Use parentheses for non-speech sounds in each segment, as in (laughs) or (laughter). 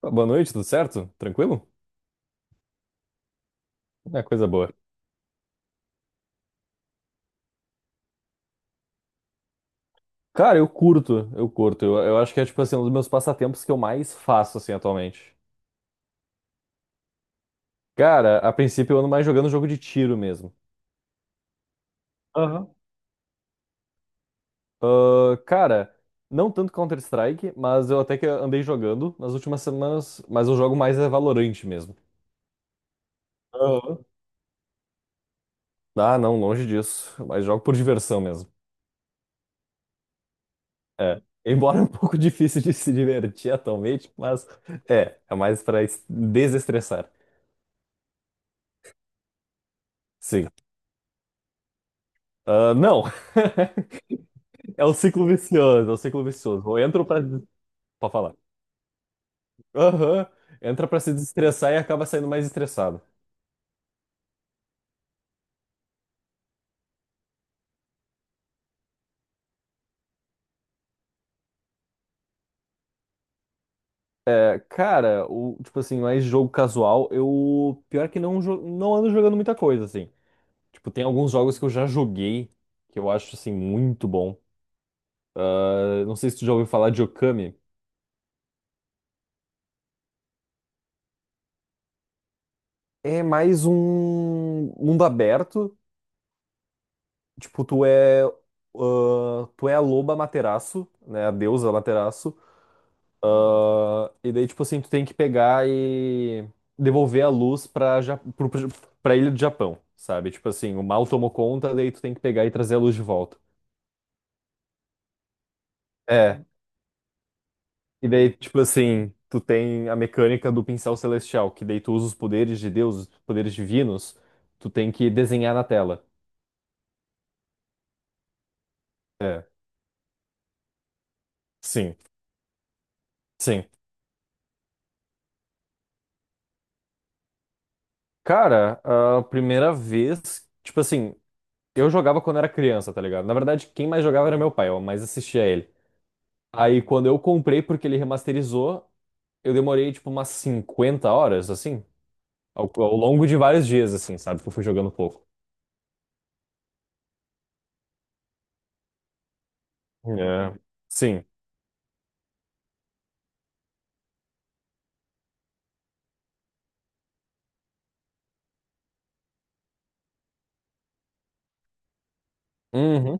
Boa noite, tudo certo? Tranquilo? É coisa boa. Cara, eu curto, eu curto. Eu acho que é, tipo assim, um dos meus passatempos que eu mais faço, assim, atualmente. Cara, a princípio eu ando mais jogando jogo de tiro mesmo. Aham. Ah, cara, não tanto Counter-Strike, mas eu até que andei jogando nas últimas semanas, mas eu jogo mais é Valorant mesmo. Aham. Ah, não, longe disso. Mas jogo por diversão mesmo. É. Embora (laughs) é um pouco difícil de se divertir atualmente, mas é mais pra desestressar. Sim. Ah, não, (laughs) é um ciclo vicioso, é o ciclo vicioso. Eu entro pra falar. Aham. Entra pra se desestressar e acaba saindo mais estressado. É, cara, o, tipo assim, mais jogo casual, eu. Pior que não, não ando jogando muita coisa, assim. Tipo, tem alguns jogos que eu já joguei que eu acho, assim, muito bom. Ah, não sei se tu já ouviu falar de Okami. É mais um mundo aberto. Tipo, tu é a loba Materaço, né? A deusa Materaço. Ah, e daí, tipo assim, tu tem que pegar e devolver a luz pra, ja pro, pro- pra ilha do Japão, sabe? Tipo assim, o mal tomou conta, daí tu tem que pegar e trazer a luz de volta. É, e daí, tipo assim, tu tem a mecânica do pincel celestial, que daí tu usa os poderes de Deus, os poderes divinos, tu tem que desenhar na tela. É, sim, sim. Cara, a primeira vez, tipo assim, eu jogava quando era criança, tá ligado? Na verdade, quem mais jogava era meu pai, eu mais assistia a ele. Aí quando eu comprei, porque ele remasterizou, eu demorei tipo umas 50 horas, assim, ao longo de vários dias, assim, sabe? Que eu fui jogando pouco. É. Sim. Uhum.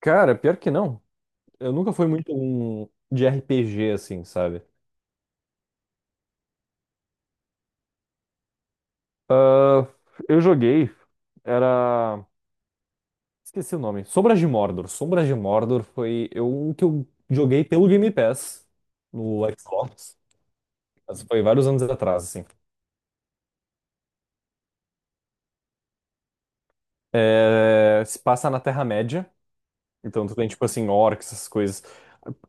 Cara, pior que não. Eu nunca fui muito um de RPG, assim, sabe? Ah, eu joguei, era. Esqueci o nome. Sombras de Mordor. Sombras de Mordor foi um que eu joguei pelo Game Pass no Xbox. Mas foi vários anos atrás, assim. É, se passa na Terra-média. Então tu tem, tipo assim, orcs, essas coisas.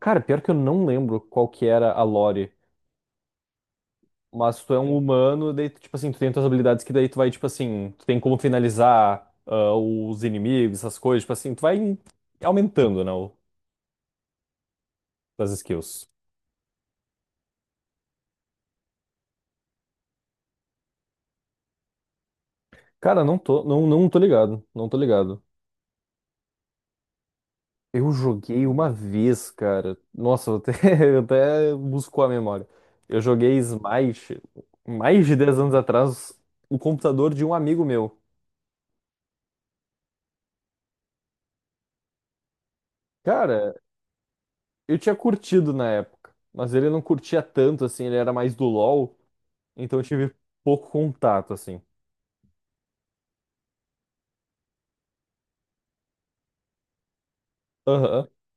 Cara, pior que eu não lembro qual que era a lore. Mas tu é um humano, daí, tu, tipo assim, tu tem tuas habilidades que daí tu vai, tipo assim, tu tem como finalizar os inimigos, essas coisas, tipo assim, tu vai aumentando, né, as skills. Cara, não tô, não tô ligado, não tô ligado. Eu joguei uma vez, cara. Nossa, (laughs) eu até buscou a memória. Eu joguei Smite mais de 10 anos atrás no computador de um amigo meu. Cara, eu tinha curtido na época, mas ele não curtia tanto, assim, ele era mais do LoL, então eu tive pouco contato, assim. Aham. (laughs)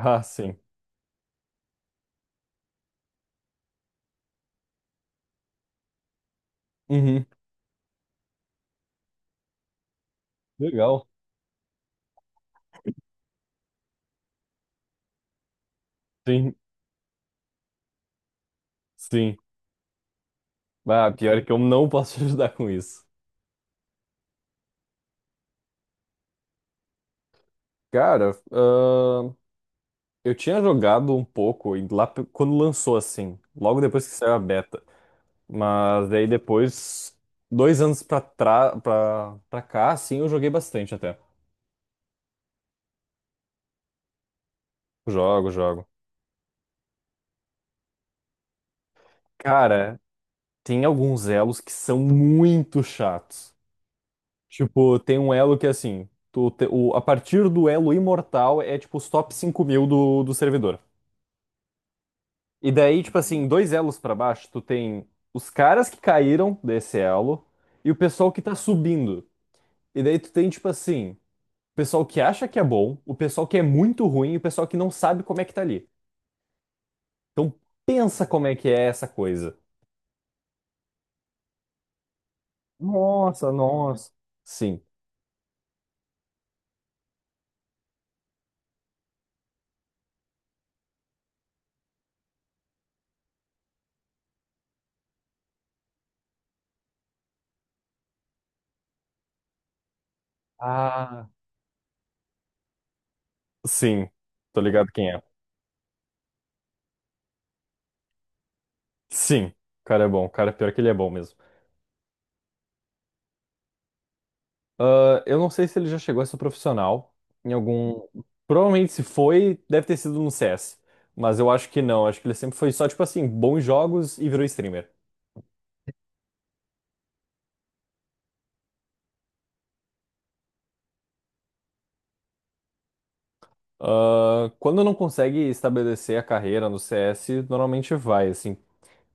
Ah, sim. Uhum. Legal. Sim, sim. Ah, pior é que eu não posso te ajudar com isso. Cara, eu tinha jogado um pouco e quando lançou, assim, logo depois que saiu a beta. Mas daí depois, 2 anos pra cá, assim, eu joguei bastante até. Jogo, jogo. Cara, tem alguns elos que são muito chatos. Tipo, tem um elo que é assim, a partir do elo imortal é tipo os top 5.000 do servidor. E daí, tipo assim, dois elos pra baixo, tu tem os caras que caíram desse elo e o pessoal que tá subindo. E daí tu tem, tipo assim, o pessoal que acha que é bom, o pessoal que é muito ruim e o pessoal que não sabe como é que tá ali. Então pensa como é que é essa coisa. Nossa, nossa. Sim. Ah. Sim, tô ligado quem é. Sim, o cara é bom. O cara, pior que ele é bom mesmo. Ah, eu não sei se ele já chegou a ser profissional em algum. Provavelmente se foi, deve ter sido no CS. Mas eu acho que não. Acho que ele sempre foi só, tipo assim, bons jogos e virou streamer. Ah, quando não consegue estabelecer a carreira no CS, normalmente vai, assim.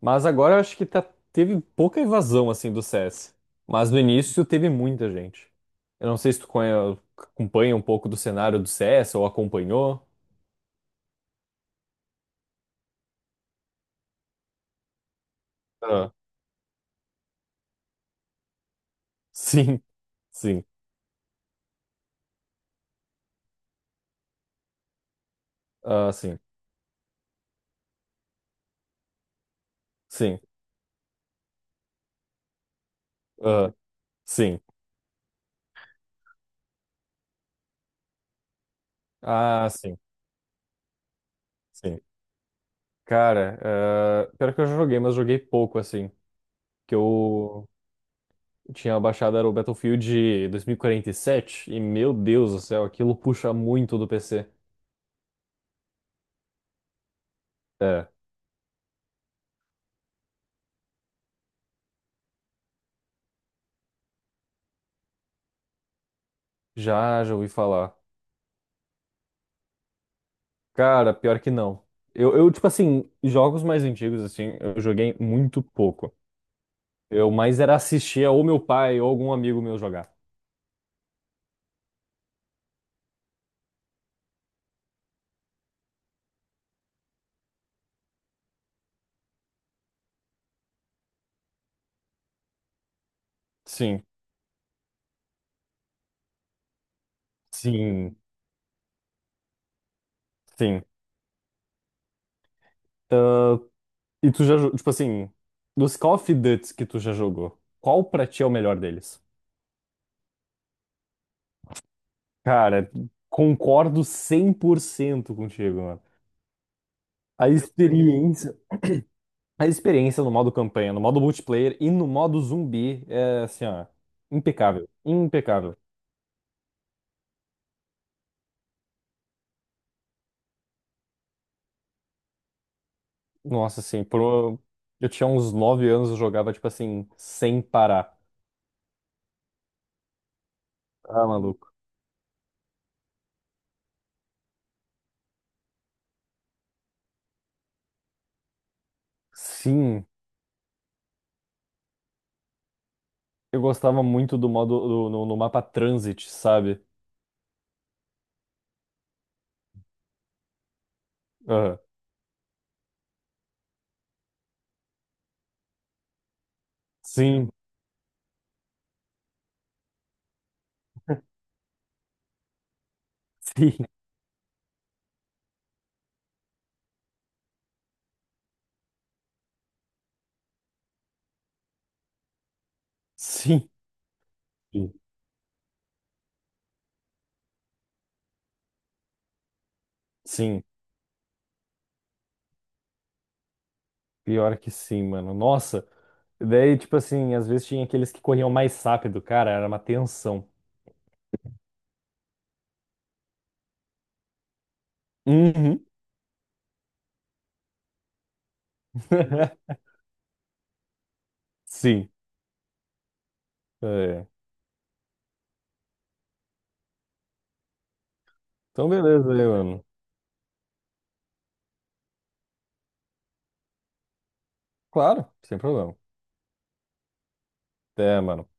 Mas agora eu acho que tá, teve pouca evasão, assim, do CS. Mas no início teve muita gente. Eu não sei se tu acompanha um pouco do cenário do CS ou acompanhou. Ah, sim. Sim. Ah, sim, sim, ah, sim, ah, sim, sim. Cara, pior que eu já joguei, mas joguei pouco, assim. Que eu tinha baixado era o Battlefield 2047, e quarenta e sete, e meu Deus do céu, aquilo puxa muito do PC. É, já ouvi falar. Cara, pior que não. Eu, tipo assim, jogos mais antigos, assim, eu joguei muito pouco. Eu mais era assistir ou meu pai ou algum amigo meu jogar. Sim, sim, sim. E tu já, tipo assim, dos Call of Duty que tu já jogou, qual pra ti é o melhor deles? Cara, concordo 100% contigo, mano. A experiência, a experiência no modo campanha, no modo multiplayer e no modo zumbi é assim, ó, impecável, impecável. Nossa, assim, eu tinha uns 9 anos, eu jogava tipo assim, sem parar. Ah, maluco. Sim, eu gostava muito do modo no mapa Transit, sabe? Aham. Sim, (laughs) sim. Sim, sim, sim, pior que sim, mano. Nossa, daí, tipo assim, às vezes tinha aqueles que corriam mais rápido, cara, era uma tensão. Uhum. (laughs) Sim. É. Então, beleza aí, mano. Claro, sem problema. Até, mano.